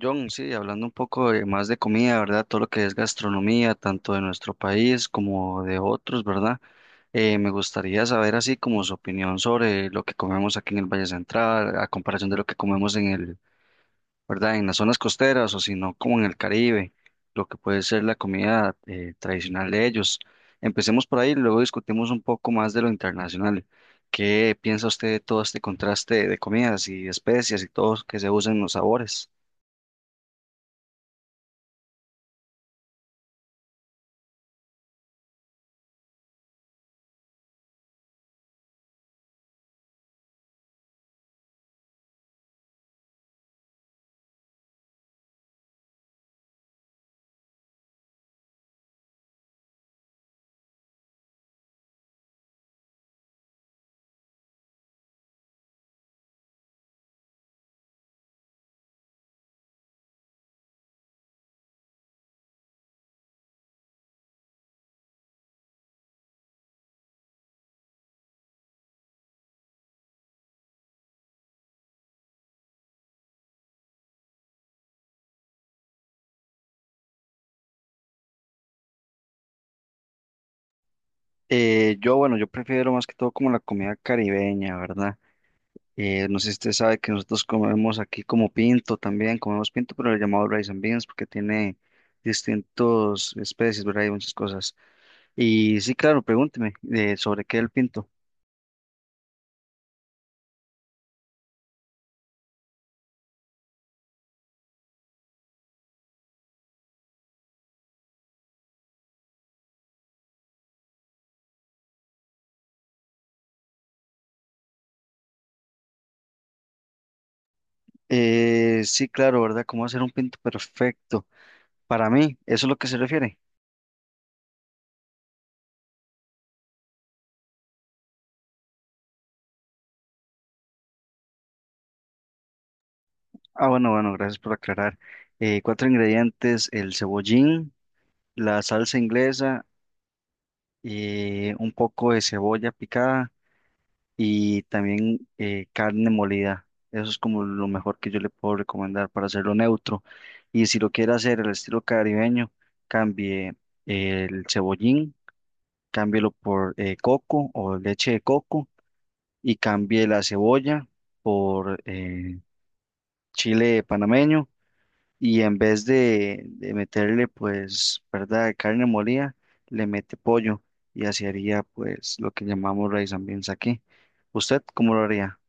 John, sí, hablando un poco más de comida, ¿verdad? Todo lo que es gastronomía, tanto de nuestro país como de otros, ¿verdad? Me gustaría saber así como su opinión sobre lo que comemos aquí en el Valle Central, a comparación de lo que comemos en el, ¿verdad? En las zonas costeras o si no, como en el Caribe, lo que puede ser la comida tradicional de ellos. Empecemos por ahí, luego discutimos un poco más de lo internacional. ¿Qué piensa usted de todo este contraste de comidas y especias y todo que se usan en los sabores? Yo, bueno, yo prefiero más que todo como la comida caribeña, ¿verdad? No sé si usted sabe que nosotros comemos aquí como pinto también, comemos pinto, pero le llamamos rice and beans porque tiene distintos especies, ¿verdad? Y muchas cosas. Y sí, claro, pregúnteme sobre qué es el pinto. Sí, claro, ¿verdad? ¿Cómo hacer un pinto perfecto? Para mí, ¿eso es lo que se refiere? Ah, bueno, bueno, gracias por aclarar. Cuatro ingredientes, el cebollín, la salsa inglesa, un poco de cebolla picada y también carne molida. Eso es como lo mejor que yo le puedo recomendar para hacerlo neutro. Y si lo quiere hacer el estilo caribeño, cambie el cebollín, cámbielo por coco o leche de coco y cambie la cebolla por chile panameño. Y en vez de meterle, pues, ¿verdad? Carne molida, le mete pollo y así haría, pues, lo que llamamos raíz también aquí. ¿Usted cómo lo haría?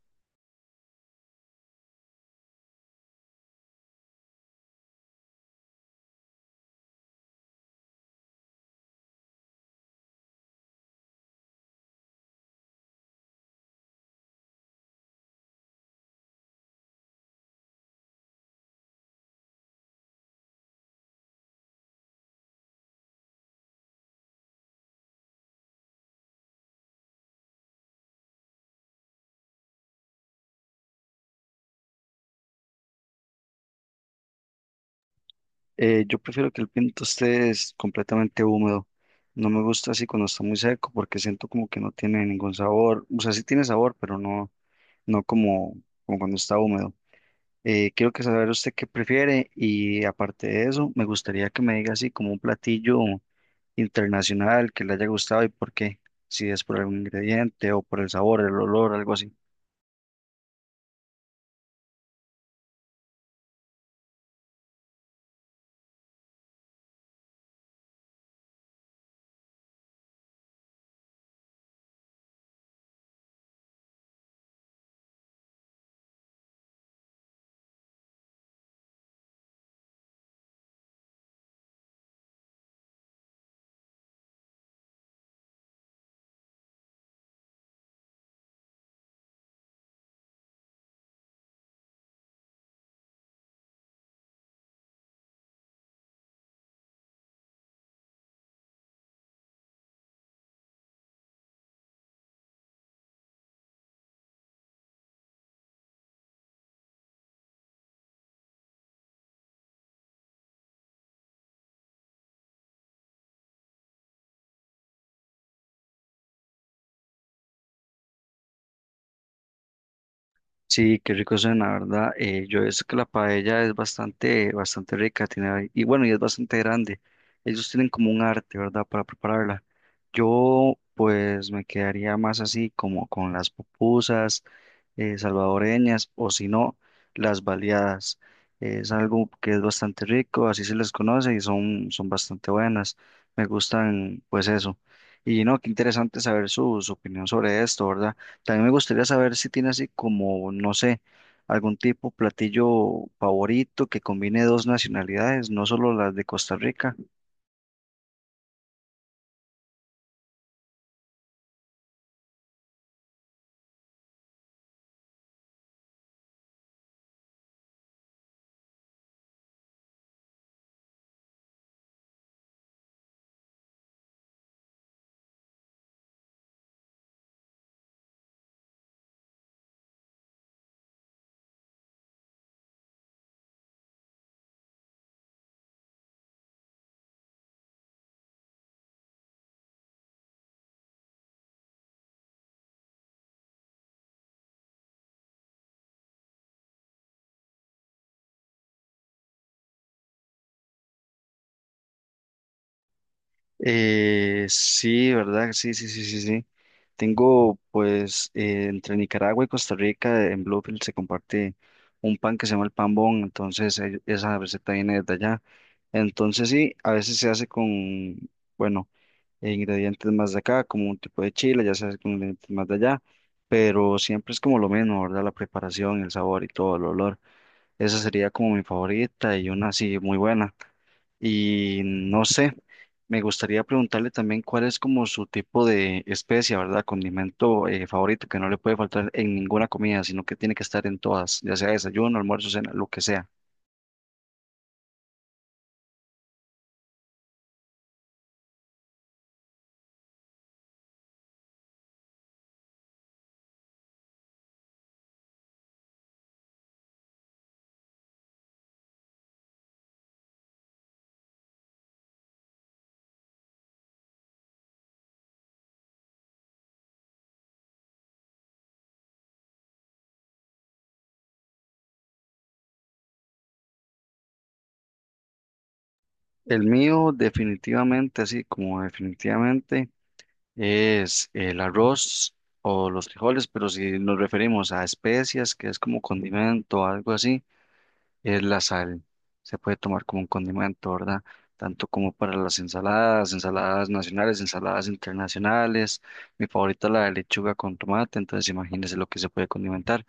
Yo prefiero que el pinto esté es completamente húmedo. No me gusta así cuando está muy seco porque siento como que no tiene ningún sabor. O sea, sí tiene sabor, pero no, no como, como cuando está húmedo. Quiero que saber usted qué prefiere y aparte de eso, me gustaría que me diga así como un platillo internacional que le haya gustado y por qué. Si es por algún ingrediente o por el sabor, el olor, algo así. Sí, qué rico suena, ¿verdad? Yo he visto que la paella es bastante rica, y bueno, y es bastante grande. Ellos tienen como un arte, ¿verdad? Para prepararla. Yo, pues, me quedaría más así como con las pupusas salvadoreñas o si no, las baleadas. Es algo que es bastante rico, así se les conoce y son, son bastante buenas. Me gustan, pues, eso. Y no, qué interesante saber su, su opinión sobre esto, ¿verdad? También me gustaría saber si tiene así como, no sé, algún tipo platillo favorito que combine dos nacionalidades, no solo las de Costa Rica. Sí, ¿verdad? Sí, sí, sí, sí, sí. Tengo, pues, entre Nicaragua y Costa Rica, en Bluefield se comparte un pan que se llama el pan bon, entonces esa receta viene desde allá. Entonces sí, a veces se hace con, bueno, ingredientes más de acá, como un tipo de chile, ya se hace con ingredientes más de allá, pero siempre es como lo mismo, ¿verdad? La preparación, el sabor y todo, el olor. Esa sería como mi favorita y una así muy buena. Y no sé, me gustaría preguntarle también cuál es como su tipo de especie, ¿verdad? Condimento favorito que no le puede faltar en ninguna comida, sino que tiene que estar en todas, ya sea desayuno, almuerzo, cena, lo que sea. El mío definitivamente, así como definitivamente, es el arroz o los frijoles, pero si nos referimos a especias, que es como condimento o algo así. Es la sal. Se puede tomar como un condimento, ¿verdad? Tanto como para las ensaladas, ensaladas nacionales, ensaladas internacionales. Mi favorita es la de lechuga con tomate, entonces imagínese lo que se puede condimentar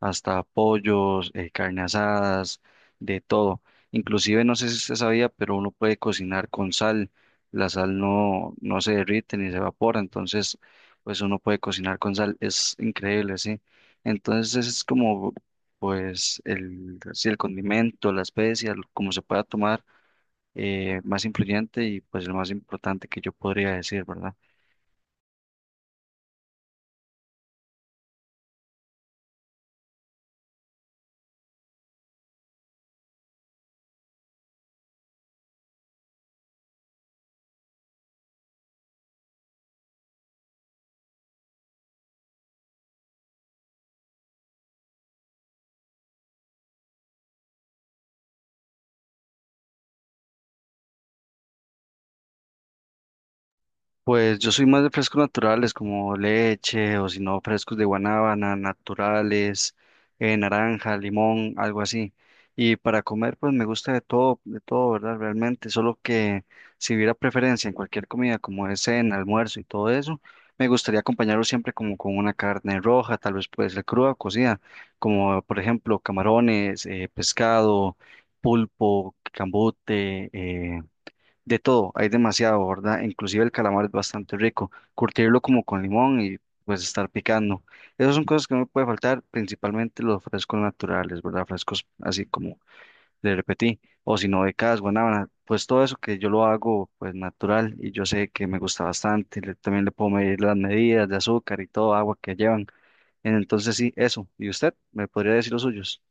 hasta pollos, carne asadas, de todo. Inclusive, no sé si usted sabía, pero uno puede cocinar con sal. La sal no, no se derrite ni se evapora, entonces, pues uno puede cocinar con sal. Es increíble, sí. Entonces, ese es como, pues, el, sí, el condimento, la especia, como se pueda tomar, más influyente y pues el más importante que yo podría decir, ¿verdad? Pues yo soy más de frescos naturales como leche o si no frescos de guanábana, naturales, naranja, limón, algo así. Y para comer pues me gusta de todo, ¿verdad? Realmente, solo que si hubiera preferencia en cualquier comida como es cena, almuerzo y todo eso, me gustaría acompañarlo siempre como con una carne roja, tal vez puede ser cruda o cocida, como por ejemplo camarones, pescado, pulpo, cambute, de todo, hay demasiado, ¿verdad? Inclusive el calamar es bastante rico. Curtirlo como con limón y pues estar picando. Esas son cosas que no puede faltar, principalmente los frescos naturales, ¿verdad? Frescos así como le repetí, o si no, becas, guanábana, pues todo eso que yo lo hago pues natural y yo sé que me gusta bastante. También le puedo medir las medidas de azúcar y todo agua que llevan. Entonces sí, eso. ¿Y usted me podría decir los suyos?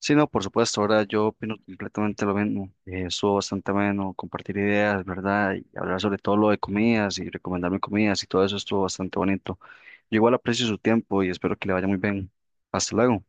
Sí, no, por supuesto, ahora yo opino completamente lo mismo. Estuvo bastante bueno compartir ideas, ¿verdad? Y hablar sobre todo lo de comidas y recomendarme comidas y todo eso estuvo bastante bonito. Yo igual aprecio su tiempo y espero que le vaya muy bien. Hasta luego.